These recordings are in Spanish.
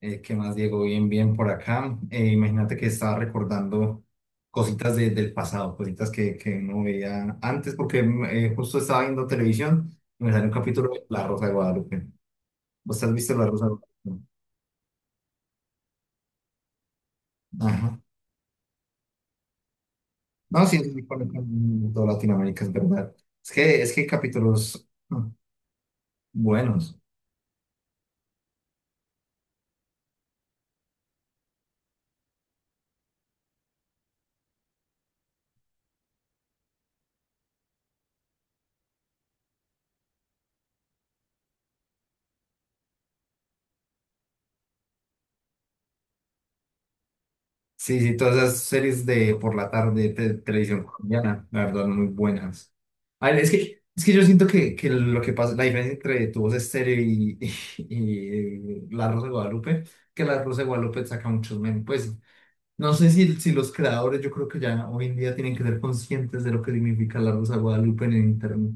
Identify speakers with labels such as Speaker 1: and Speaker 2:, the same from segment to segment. Speaker 1: ¿Qué más, Diego? Bien, bien por acá. Imagínate que estaba recordando cositas del pasado, cositas que no veía antes, porque justo estaba viendo televisión y me salió un capítulo de La Rosa de Guadalupe. ¿Vos has visto La Rosa de Guadalupe? Ajá. No, sí, es muy conocido en toda Latinoamérica, es verdad. Es que hay capítulos buenos. Sí, sí, todas esas series de por la tarde de televisión colombiana, la verdad, muy buenas. A ver, es que yo siento que lo que pasa, la diferencia entre Tu Voz Estéreo y, y La Rosa de Guadalupe, que La Rosa de Guadalupe saca muchos memes. Pues no sé si los creadores, yo creo que ya hoy en día tienen que ser conscientes de lo que significa La Rosa de Guadalupe en el internet,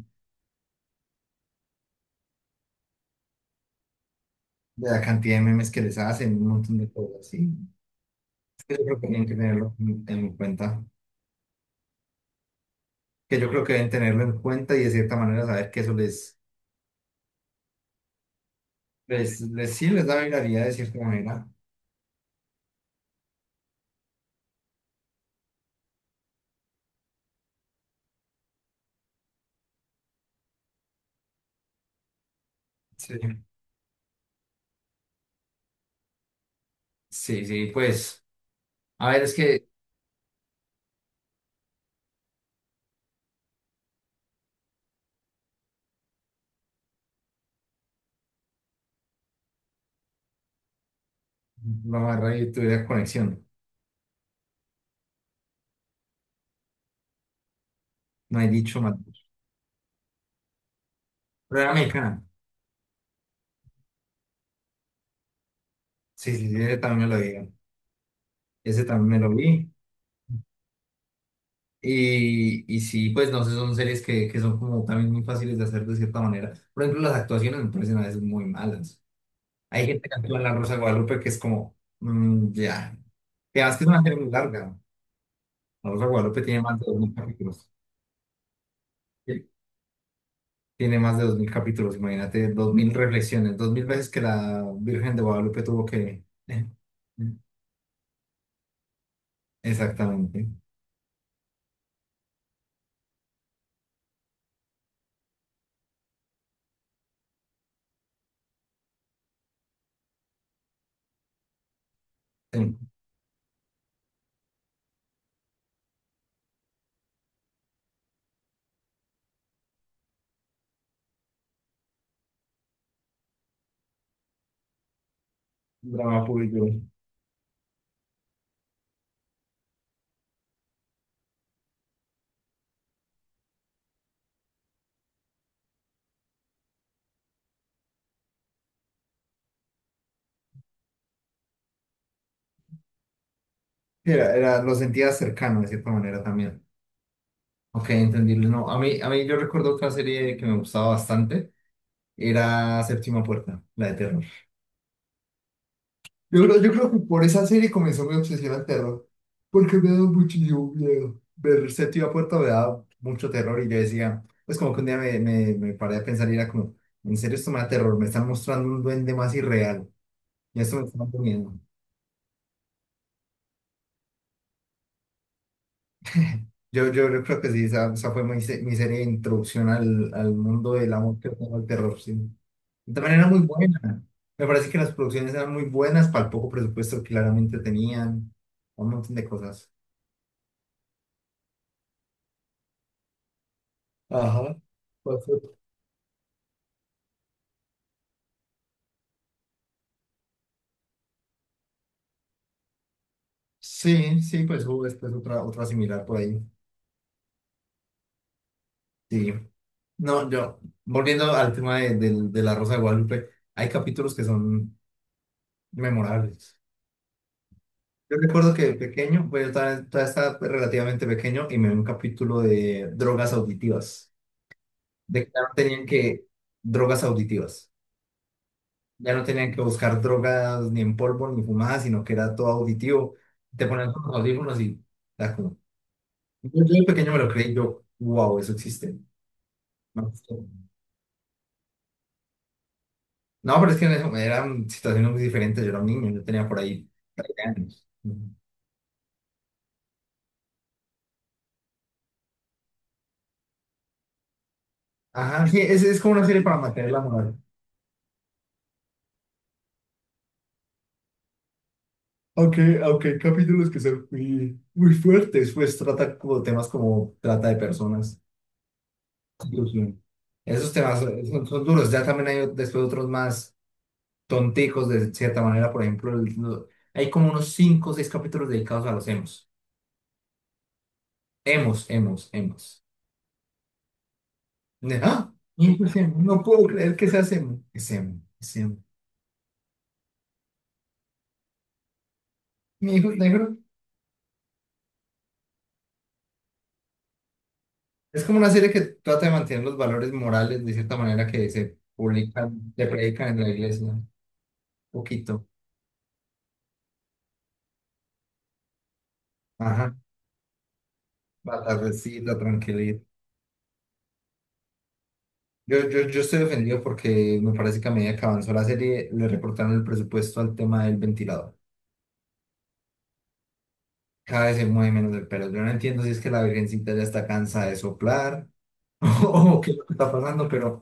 Speaker 1: de la cantidad de memes que les hacen, un montón de cosas, sí. Yo creo que tienen que tenerlo en cuenta, que yo creo que deben tenerlo en cuenta y de cierta manera saber que eso les sí, les da viralidad de cierta manera. Sí, sí, sí, pues, a ver, es que la barra de tuviera conexión, no he dicho mal. Pero era mexicana. Sí, sí, sí, ese también me lo vi. Ese también me lo vi. Y sí, pues no sé, son series que son como también muy fáciles de hacer de cierta manera. Por ejemplo, las actuaciones me parecen a veces muy malas. Hay gente que actúa en La Rosa de Guadalupe que es como, ya. Que además que es una serie muy larga. La Rosa de Guadalupe tiene más de 2000 capítulos. Tiene más de 2000 capítulos, imagínate, 2000 reflexiones, 2000 veces que la Virgen de Guadalupe tuvo que... Exactamente. Sí, drama puro y duro. Sí, era, lo sentía cercano de cierta manera también. Ok, entendible. No, a mí yo recuerdo otra serie que me gustaba bastante, era Séptima Puerta, la de Terror. Yo creo que por esa serie comenzó mi obsesión al terror, porque me daba muchísimo miedo. Ver Séptima Puerta me daba mucho terror y yo decía, pues como que un día me paré a pensar y era como, en serio esto me da terror, me están mostrando un duende más irreal y esto me está dando miedo. Yo creo que sí, esa fue mi serie de introducción al mundo del amor que tengo al terror, sí. Y también era muy buena. Me parece que las producciones eran muy buenas para el poco presupuesto que claramente tenían, un montón de cosas. Ajá. Sí, sí, pues hubo después otra similar por ahí. Sí. No, yo, volviendo al tema de la Rosa de Guadalupe, hay capítulos que son memorables. Yo recuerdo que de pequeño, pues yo todavía estaba pues, relativamente pequeño y me vi un capítulo de drogas auditivas, de que ya no tenían que, drogas auditivas, ya no tenían que buscar drogas ni en polvo ni fumadas, sino que era todo auditivo. Te ponían con los audífonos y era como... Yo de pequeño me lo creí, yo, wow, eso existe. No, pero es que eran situaciones muy diferentes. Yo era un niño, yo tenía por ahí 13 años. Ujú. Ajá, sí, es como una serie para mantener la moral. Aunque hay capítulos que son muy, muy fuertes, pues trata como temas como trata de personas, inclusión. Esos temas son duros. Ya también hay después otros más tonticos de cierta manera. Por ejemplo, hay como unos 5 o 6 capítulos dedicados a los emos. Emos, emos, emos. ¡Ah! Y pues emo, no puedo creer que sea emo. Es emo, es emo. Mi hijo es negro. Es como una serie que trata de mantener los valores morales de cierta manera que se publican, le predican en la iglesia. Un poquito. Ajá. La tranquilidad. Yo estoy ofendido porque me parece que a medida que avanzó la serie le recortaron el presupuesto al tema del ventilador. Cada vez se mueve menos el pelo. Yo no entiendo si es que la virgencita ya está cansada de soplar o qué es lo que está pasando, pero,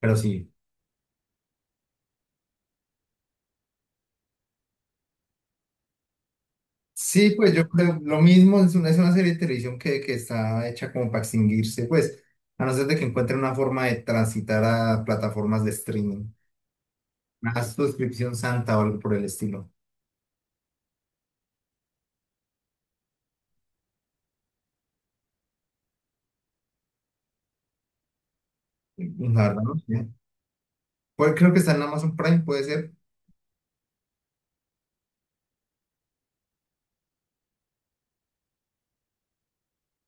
Speaker 1: pero sí. Sí, pues yo creo lo mismo, es una serie de televisión que está hecha como para extinguirse, pues, a no ser de que encuentren una forma de transitar a plataformas de streaming, una suscripción santa o algo por el estilo. La verdad, no sé. Pues creo que está en Amazon Prime, puede ser.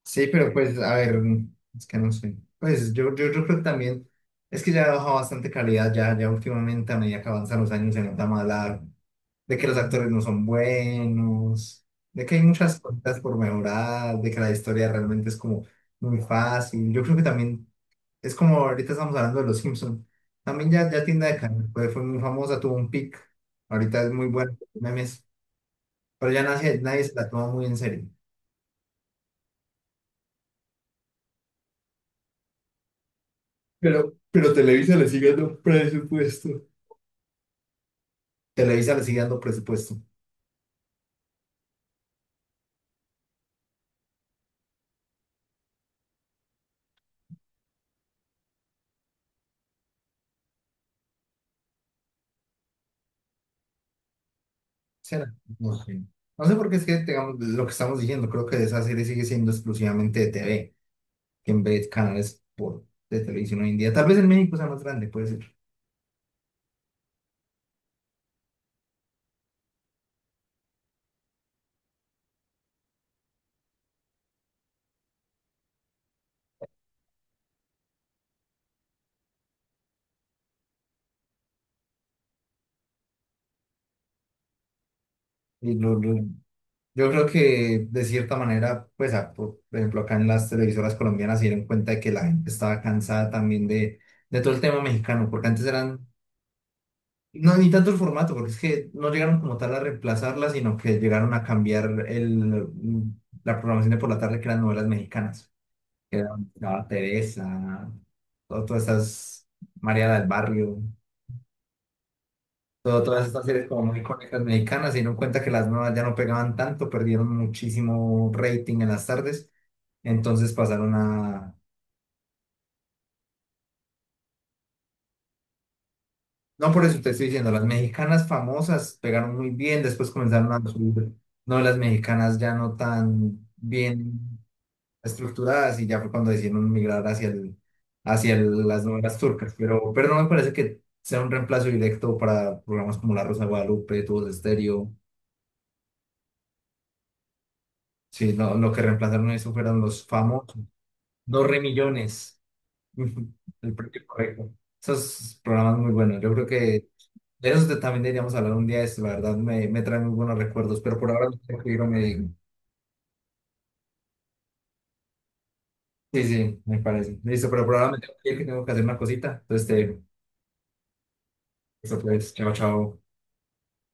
Speaker 1: Sí, pero pues, a ver, es que no sé. Pues yo creo que también, es que ya ha bajado bastante calidad, ya últimamente a medida que avanzan los años se nota más de que los actores no son buenos, de que hay muchas cosas por mejorar, de que la historia realmente es como muy fácil. Yo creo que también, es como ahorita estamos hablando de los Simpsons, también ya tienda de carne, pues fue muy famosa, tuvo un pic, ahorita es muy buena, memes, pero ya nadie se la toma muy en serio. Pero Televisa le sigue dando presupuesto. Televisa le sigue dando presupuesto. ¿Será? No sé. No sé por qué es que tengamos lo que estamos diciendo. Creo que esa serie sigue siendo exclusivamente de TV, que en vez de canales por, de televisión hoy en día. Tal vez en México sea más grande, puede ser. Y yo creo que de cierta manera, pues, por ejemplo, acá en las televisoras colombianas se dieron cuenta de que la gente estaba cansada también de todo el tema mexicano, porque antes eran. No, ni tanto el formato, porque es que no llegaron como tal a reemplazarla, sino que llegaron a cambiar la programación de por la tarde, que eran novelas mexicanas. Que eran estaba Teresa, todas estas, María del Barrio, todas estas series como muy icónicas mexicanas, se dieron cuenta que las nuevas ya no pegaban tanto, perdieron muchísimo rating en las tardes, entonces pasaron a, no, por eso te estoy diciendo, las mexicanas famosas pegaron muy bien, después comenzaron a subir novelas mexicanas ya no tan bien estructuradas y ya fue cuando decidieron migrar hacia las novelas turcas, pero no me parece que sea un reemplazo directo para programas como La Rosa de Guadalupe, Tubos de Estéreo, sí, no, lo que reemplazaron eso fueron los famosos, dos re millones, el premio correcto, esos programas muy buenos, yo creo que de eso también deberíamos hablar un día, es, la verdad me trae muy buenos recuerdos, pero por ahora me tengo que ir a Medellín. Sí, sí, me parece. Listo, pero por ahora me tengo que ir, que tengo que hacer una cosita. Entonces, eso pues, chao, chao.